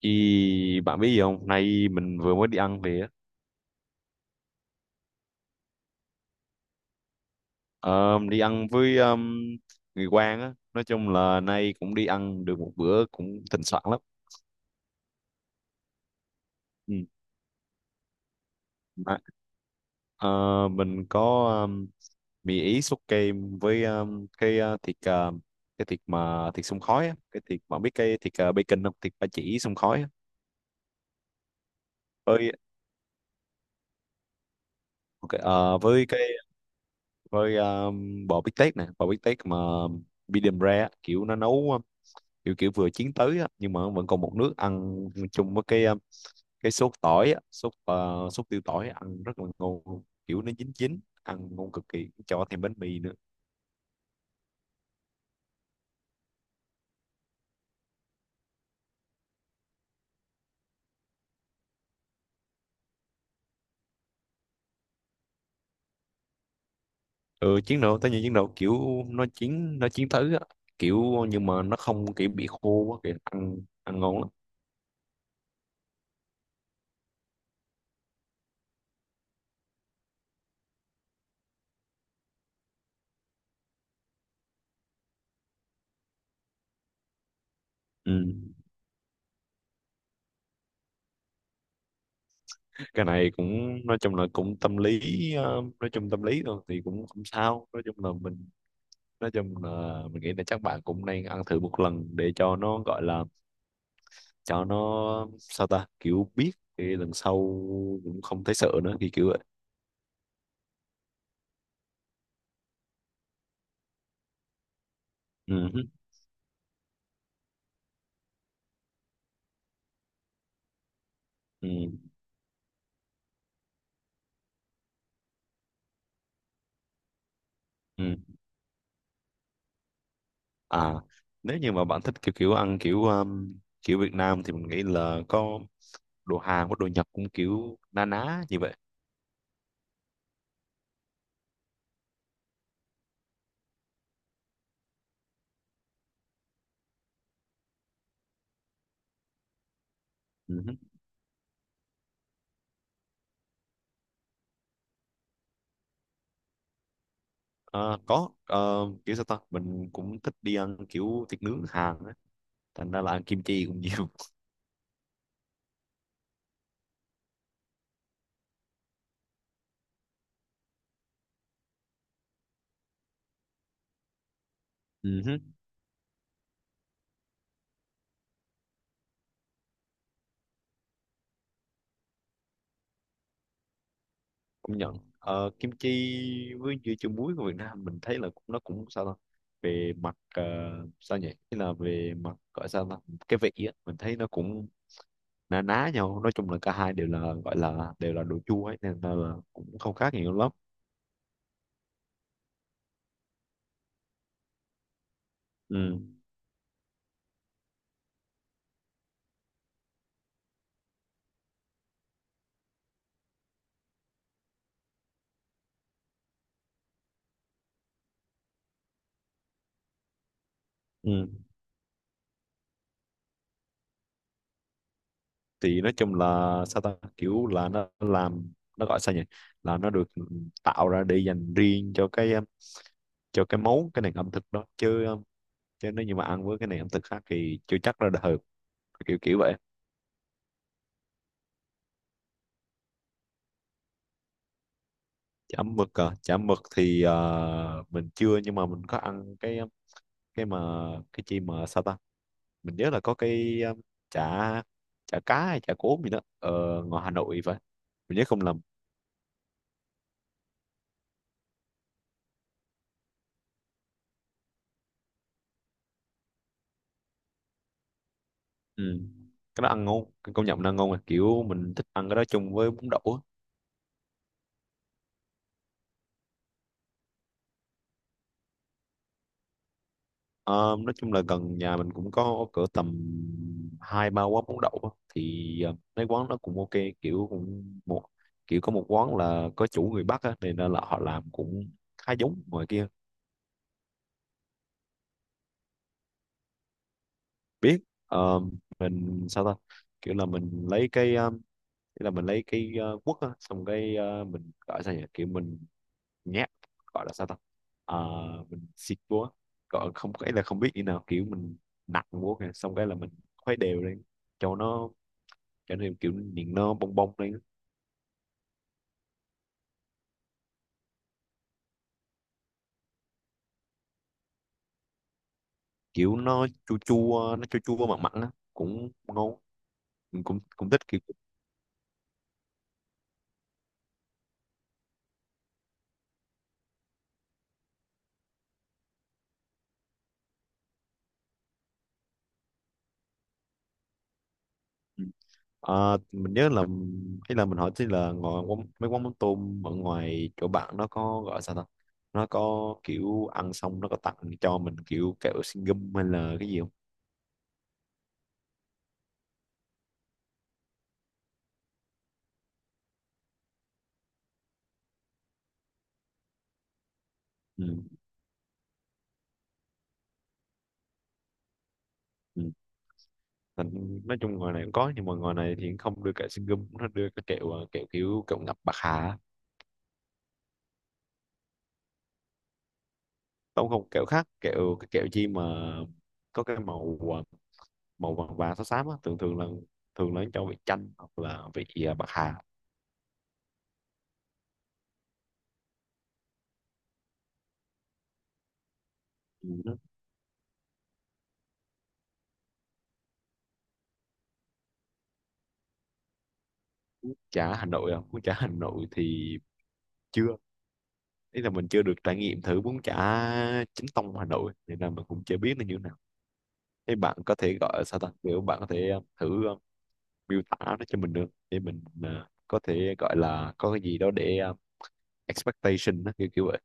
Ý, bạn biết gì không? Nay mình vừa mới đi ăn về á. Ờ, đi ăn với người quen á. Nói chung là nay cũng đi ăn được một bữa cũng thịnh soạn lắm. Ừ. Mà, ờ, mình có um, mì Ý sốt kem với cái thịt mà thịt xông khói á. Cái thịt bạn biết cái thịt bacon không? Thịt ba chỉ xông khói á. Với ok, với bò bít tết nè, bò bít tét mà medium rare á. Kiểu nó nấu kiểu kiểu vừa chiến tới á, nhưng mà vẫn còn một nước ăn chung với cái sốt tỏi á, sốt tiêu tỏi ăn rất là ngon luôn. Kiểu nó chín chín ăn ngon cực kỳ cho thêm bánh mì nữa. Ừ, chiến đấu tới những chiến đấu kiểu nó chiến tới á, kiểu nhưng mà nó không kiểu bị khô quá kìa, ăn ăn ngon lắm. Ừ. Cái này cũng nói chung là cũng tâm lý. Nói chung tâm lý thôi thì cũng không sao, nói chung là mình, nghĩ là chắc bạn cũng nên ăn thử một lần để cho nó gọi là cho nó sao ta kiểu biết thì lần sau cũng không thấy sợ nữa thì kiểu vậy. Ừ, hứ, ừ, ừ. À, nếu như mà bạn thích kiểu kiểu ăn kiểu kiểu Việt Nam thì mình nghĩ là có đồ Hàn, có đồ Nhật cũng kiểu na ná như vậy. Ừ, hứ. Ờ, có, kiểu sao ta mình cũng thích đi ăn kiểu thịt nướng Hàn á, thành ra là ăn kim chi cũng nhiều. Ừ. Công nhận. Ờ, kim chi với dưa chuột muối của Việt Nam mình thấy là cũng nó cũng sao ta, về mặt sao nhỉ, tức là về mặt gọi sao ta cái vị á mình thấy nó cũng ná ná nhau, nói chung là cả hai đều là gọi là đều là đồ chua ấy nên là cũng không khác nhiều lắm. Ừ. Ừ. Thì nói chung là sao ta kiểu là nó làm nó gọi sao nhỉ là nó được tạo ra để dành riêng cho cái món cái nền ẩm thực đó chứ nếu như mà ăn với cái nền ẩm thực khác thì chưa chắc là hợp, kiểu kiểu vậy. Chả mực à? Chả mực thì mình chưa, nhưng mà mình có ăn cái mà cái chi mà sao ta mình nhớ là có cái chả chả cá hay chả cốm gì đó ở ngoài Hà Nội, phải mình nhớ không lầm. Ừ. Cái đó ăn ngon, cái công nhận nó ăn ngon, mà kiểu mình thích ăn cái đó chung với bún đậu á. Ờ, nói chung là gần nhà mình cũng có cỡ tầm hai ba quán bún đậu á. Thì mấy quán nó cũng ok, kiểu cũng một kiểu có một quán là có chủ người Bắc á, nên là họ làm cũng khá giống ngoài kia. Biết. Ờ, mình sao ta, kiểu là mình lấy cái um, kiểu là mình lấy cái quất á, xong cái mình gọi sao nhỉ kiểu mình nhát, gọi là sao ta. Ờ, mình xịt búa, gọi không, cái là không biết như nào kiểu mình nặng búa kìa, xong cái là mình khuấy đều lên cho nó, cho nên kiểu miệng nó bong bong lên. Kiểu nó chua chua mặn mặn á cũng ngon. Mình cũng cũng thích kiểu. Ờ, mình nhớ là, ý là mình hỏi tí là ngồi quán, mấy quán mắm tôm ở ngoài chỗ bạn nó có gọi sao ta, nó có kiểu ăn xong nó có tặng cho mình kiểu kẹo xin gum hay là cái gì không? Ừ. Ừ. Nói chung ngoài này cũng có nhưng mà ngoài này thì không đưa kẹo xin gum, nó đưa cái kẹo ờ, kẹo kiểu kẹo ngập bạc hà á. Không không, kẹo khác, kẹo cái kẹo chi mà có cái màu màu vàng vàng xám xám á, thường thường là cho vị chanh hoặc là vị bạc hà. Ừ. Chả Hà Nội à? Bún chả Hà Nội thì chưa, ý là mình chưa được trải nghiệm thử bún chả chính tông Hà Nội nên là mình cũng chưa biết nó như thế nào. Thế bạn có thể gọi sao ta kiểu bạn có thể thử miêu tả nó cho mình được để mình có thể gọi là có cái gì đó để expectation đó, kiểu kiểu vậy.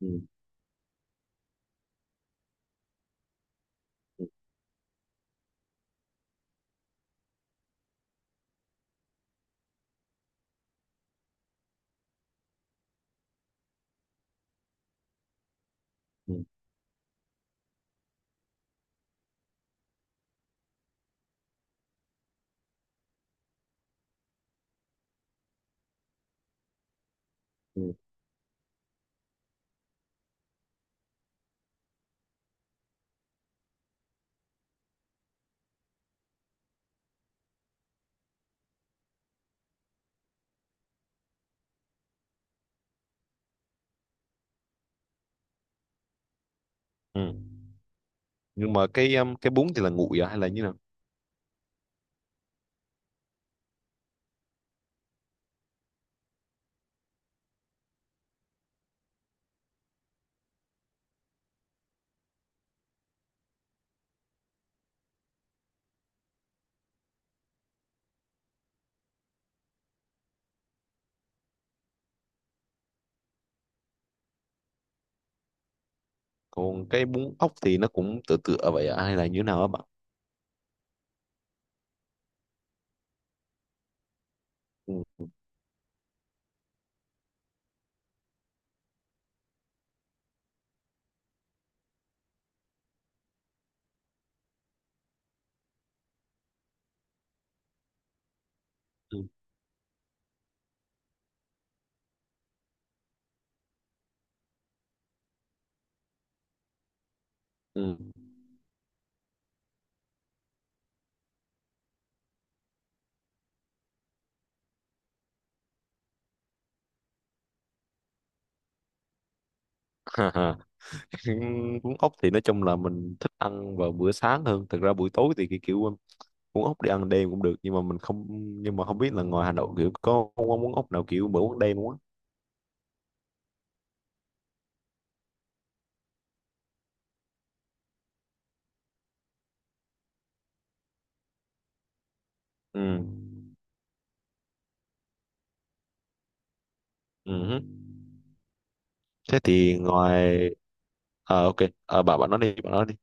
Ừ, ừ, ừ, ừ. Ừ. Nhưng mà cái cái bún thì là nguội à hay là như nào? Còn cái bún ốc thì nó cũng tựa tựa vậy à hay là như nào á bạn? Ừ, ừ, ừ. Ừ, cuốn ốc thì nói chung là mình thích ăn vào bữa sáng hơn, thực ra buổi tối thì cái kiểu cuốn ốc đi ăn đêm cũng được nhưng mà mình không, nhưng mà không biết là ngoài Hà Nội kiểu có món ốc nào kiểu bữa ăn đêm không á. Ừ. Ừ, hứ. Thế thì ngoài, à, ok. À, bạn bạn nói đi, bạn nói đi.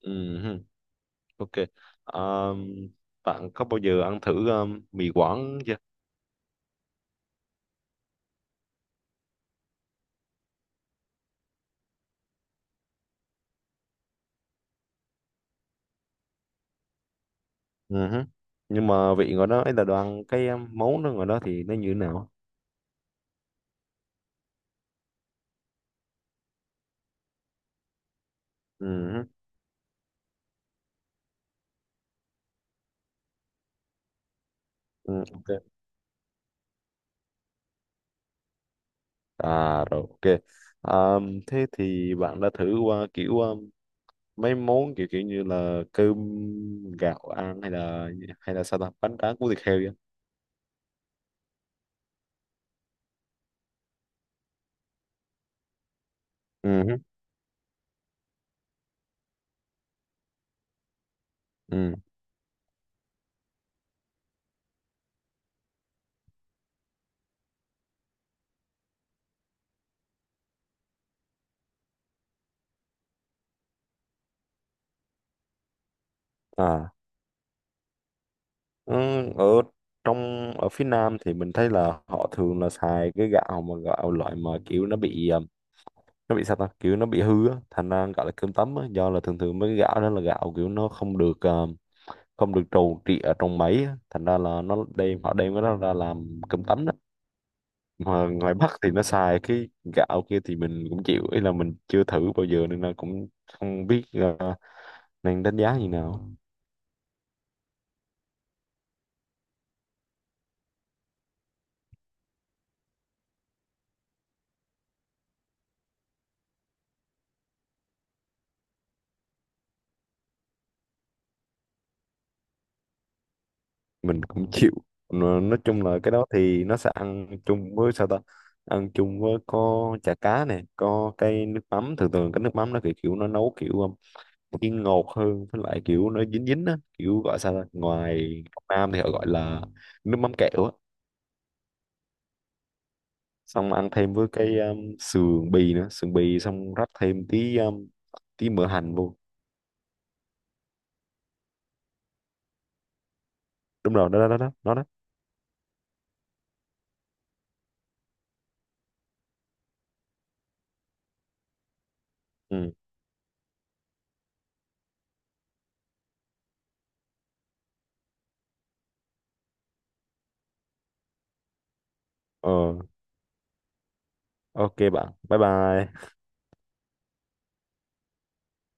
Ừ, hứ, ok. Ờm, Bạn có bao giờ ăn thử mì Quảng chưa? Ừ, hứ. Nhưng mà vị ngoài đó ấy là đồ ăn cái món đó ngoài đó thì nó như thế nào? Ừ, hứ. Ừ, ok. À rồi, ok. À, thế thì bạn đã thử qua kiểu mấy món kiểu kiểu như là cơm gạo ăn, hay là sao ta bánh tráng cuốn thịt heo vậy? Ừ, hứ, ừ. À ừ, ở ở phía Nam thì mình thấy là họ thường là xài cái gạo mà gạo loại mà kiểu nó bị sao ta kiểu nó bị hư á thành ra gọi là cơm tấm á, do là thường thường mấy cái gạo đó là gạo kiểu nó không được trù trị ở trong máy á, thành ra là nó đem họ đem cái đó ra làm cơm tấm đó. Mà ngoài Bắc thì nó xài cái gạo kia thì mình cũng chịu, ý là mình chưa thử bao giờ nên là cũng không biết nên đánh giá như nào. Mình cũng chịu. Nói chung là cái đó thì nó sẽ ăn chung với sao ta, ăn chung với có chả cá này, có cái nước mắm, thường thường cái nước mắm nó kiểu nó nấu kiểu chiên ngọt hơn, với lại kiểu nó dính dính á, kiểu gọi sao ta ngoài Nam thì họ gọi là nước mắm kẹo á, xong ăn thêm với cái sườn bì nữa, sườn bì xong rắc thêm tí tí mỡ hành vô. Đúng rồi, đó đó đó đó đó đó. Ừ, ờ, ok bạn, bye bye.